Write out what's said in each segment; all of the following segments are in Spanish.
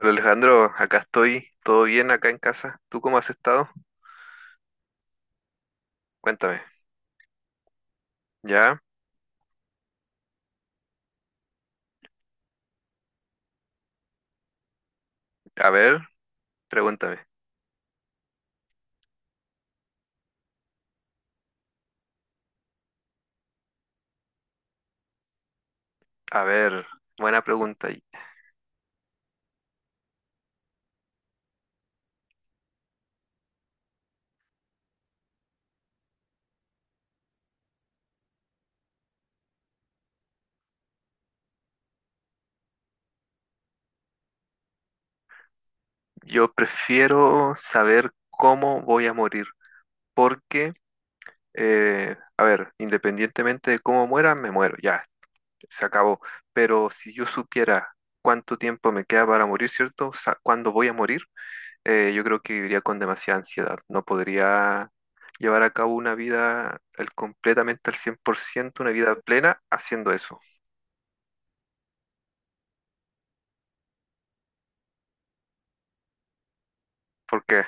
Hola Alejandro, acá estoy, todo bien acá en casa. ¿Tú cómo has estado? Cuéntame. Ya, a ver, pregúntame. A ver, buena pregunta. Yo prefiero saber cómo voy a morir, porque, a ver, independientemente de cómo muera, me muero, ya, se acabó. Pero si yo supiera cuánto tiempo me queda para morir, ¿cierto? O sea, ¿cuándo voy a morir? Yo creo que viviría con demasiada ansiedad. No podría llevar a cabo una vida completamente al 100% una vida plena haciendo eso. Porque,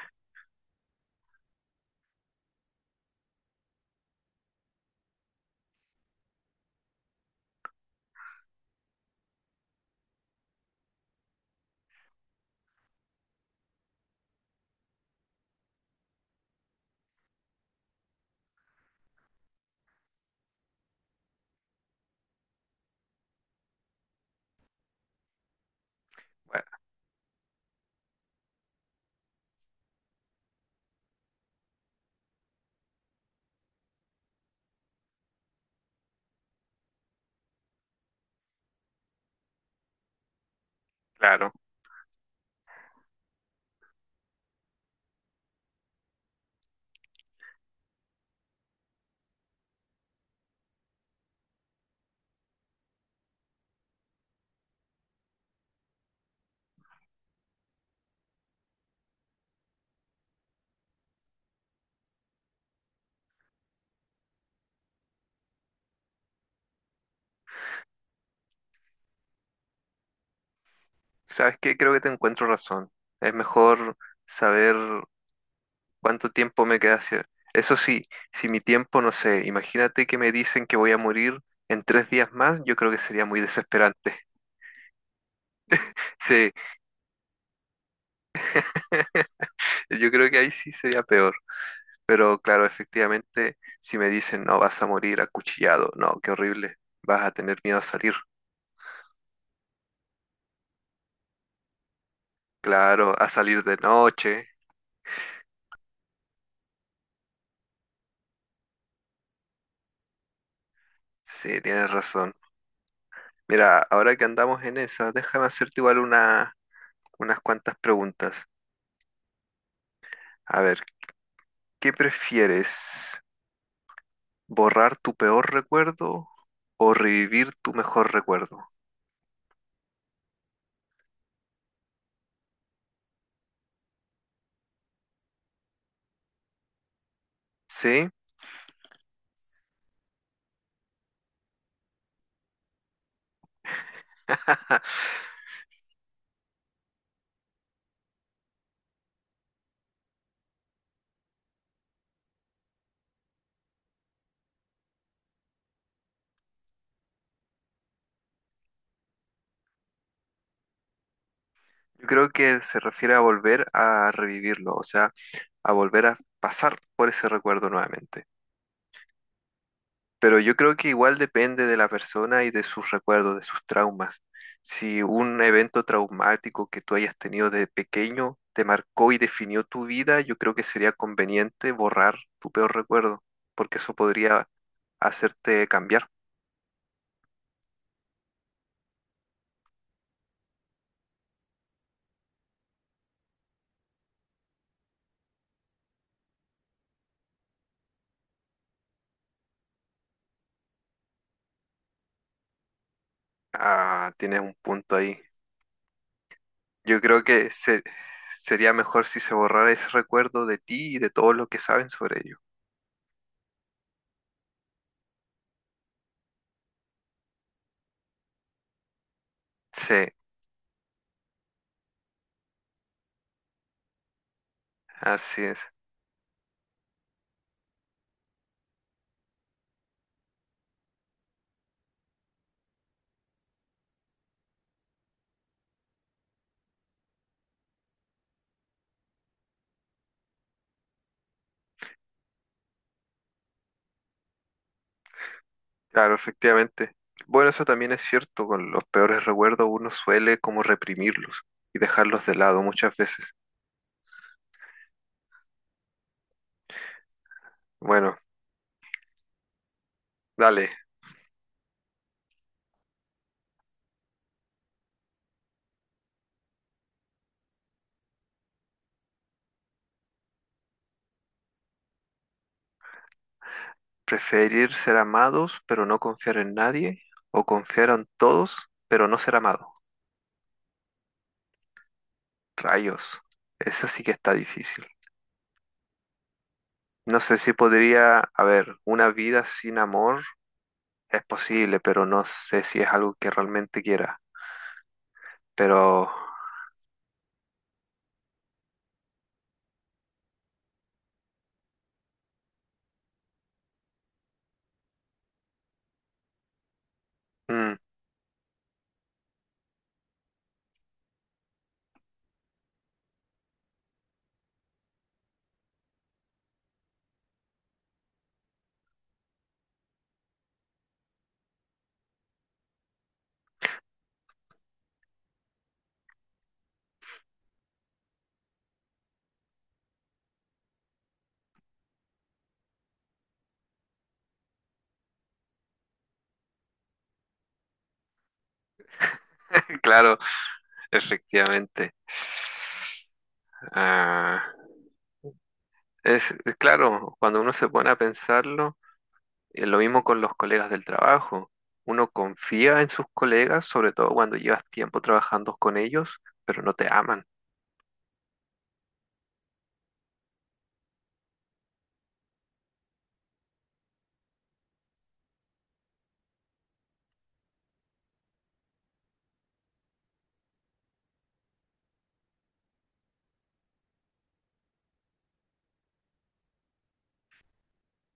bueno, claro, ¿sabes qué? Creo que te encuentro razón. Es mejor saber cuánto tiempo me queda hacer. Eso sí, si mi tiempo, no sé, imagínate que me dicen que voy a morir en 3 días más, yo creo que sería muy desesperante. Sí, yo creo que ahí sí sería peor. Pero claro, efectivamente, si me dicen, no, vas a morir acuchillado, no, qué horrible, vas a tener miedo a salir. Claro, a salir de noche. Sí, tienes razón. Mira, ahora que andamos en esa, déjame hacerte igual unas cuantas preguntas. A ver, ¿qué prefieres? ¿Borrar tu peor recuerdo o revivir tu mejor recuerdo? ¿Sí? Yo creo que se refiere a volver a revivirlo, o sea, a volver a pasar por ese recuerdo nuevamente. Pero yo creo que igual depende de la persona y de sus recuerdos, de sus traumas. Si un evento traumático que tú hayas tenido de pequeño te marcó y definió tu vida, yo creo que sería conveniente borrar tu peor recuerdo, porque eso podría hacerte cambiar. Ah, tienes un punto ahí. Yo creo que sería mejor si se borrara ese recuerdo de ti y de todo lo que saben sobre ello. Sí, así es. Claro, efectivamente. Bueno, eso también es cierto, con los peores recuerdos uno suele como reprimirlos y dejarlos de lado muchas veces. Bueno, dale, preferir ser amados pero no confiar en nadie o confiar en todos pero no ser amado. Rayos, esa sí que está difícil. No sé si podría, a ver, una vida sin amor es posible, pero no sé si es algo que realmente quiera. Pero, mm, claro, efectivamente. Ah. Es claro, cuando uno se pone a pensarlo, lo mismo con los colegas del trabajo. Uno confía en sus colegas, sobre todo cuando llevas tiempo trabajando con ellos, pero no te aman.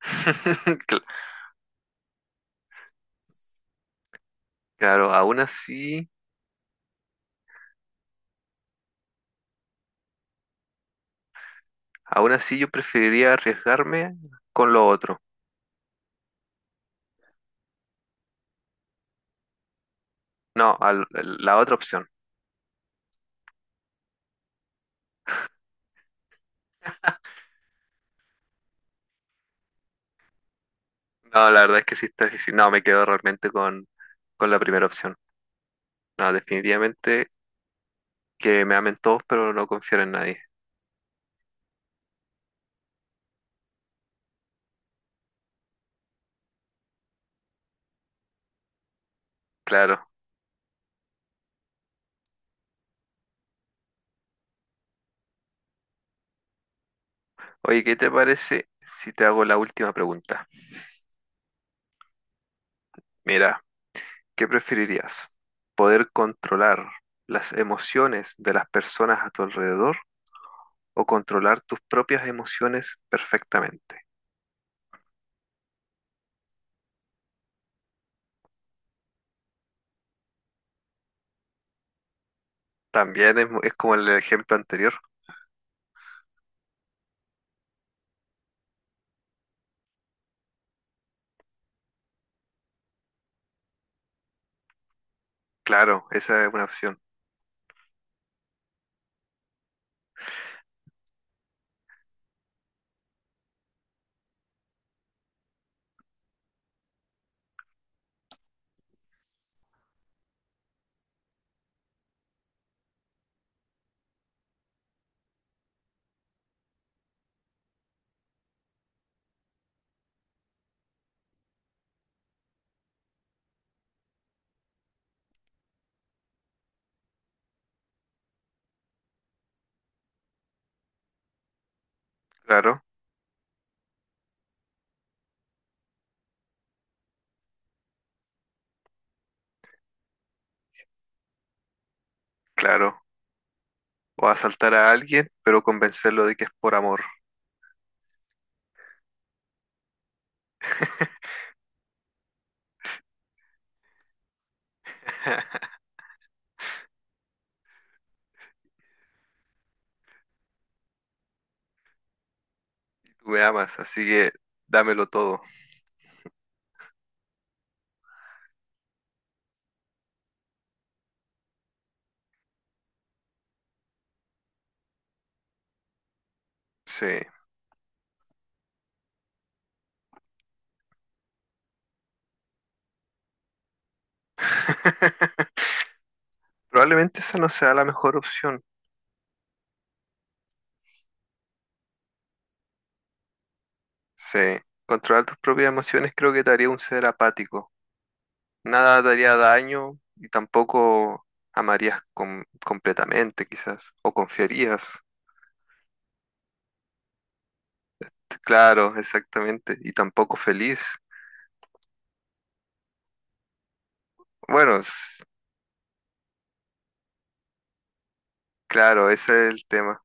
Cl- Claro, aún así yo preferiría arriesgarme con lo otro. No, la otra opción. No, la verdad es que sí está difícil. No, me quedo realmente con la primera opción. No, definitivamente que me amen todos, pero no confiar en nadie. Claro. Oye, ¿qué te parece si te hago la última pregunta? Mira, ¿qué preferirías? ¿Poder controlar las emociones de las personas a tu alrededor o controlar tus propias emociones perfectamente? Es como el ejemplo anterior. Claro, esa es una opción. Claro, claro. O asaltar a alguien, pero convencerlo de que es por amor. Tú me amas, así que dámelo todo. Sí. Probablemente esa no sea la mejor opción. Sí, controlar tus propias emociones creo que te haría un ser apático. Nada te haría daño y tampoco amarías completamente, quizás, o confiarías. Claro, exactamente, y tampoco feliz. Bueno, claro, ese es el tema,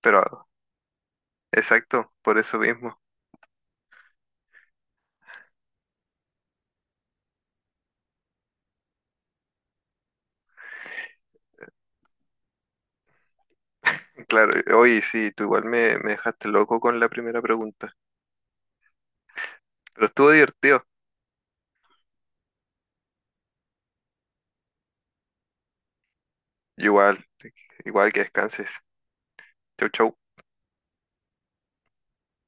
pero exacto, por eso mismo. Claro, oye, sí, tú igual me dejaste loco con la primera pregunta, pero estuvo divertido. Igual, igual que descanses. Chau, chau.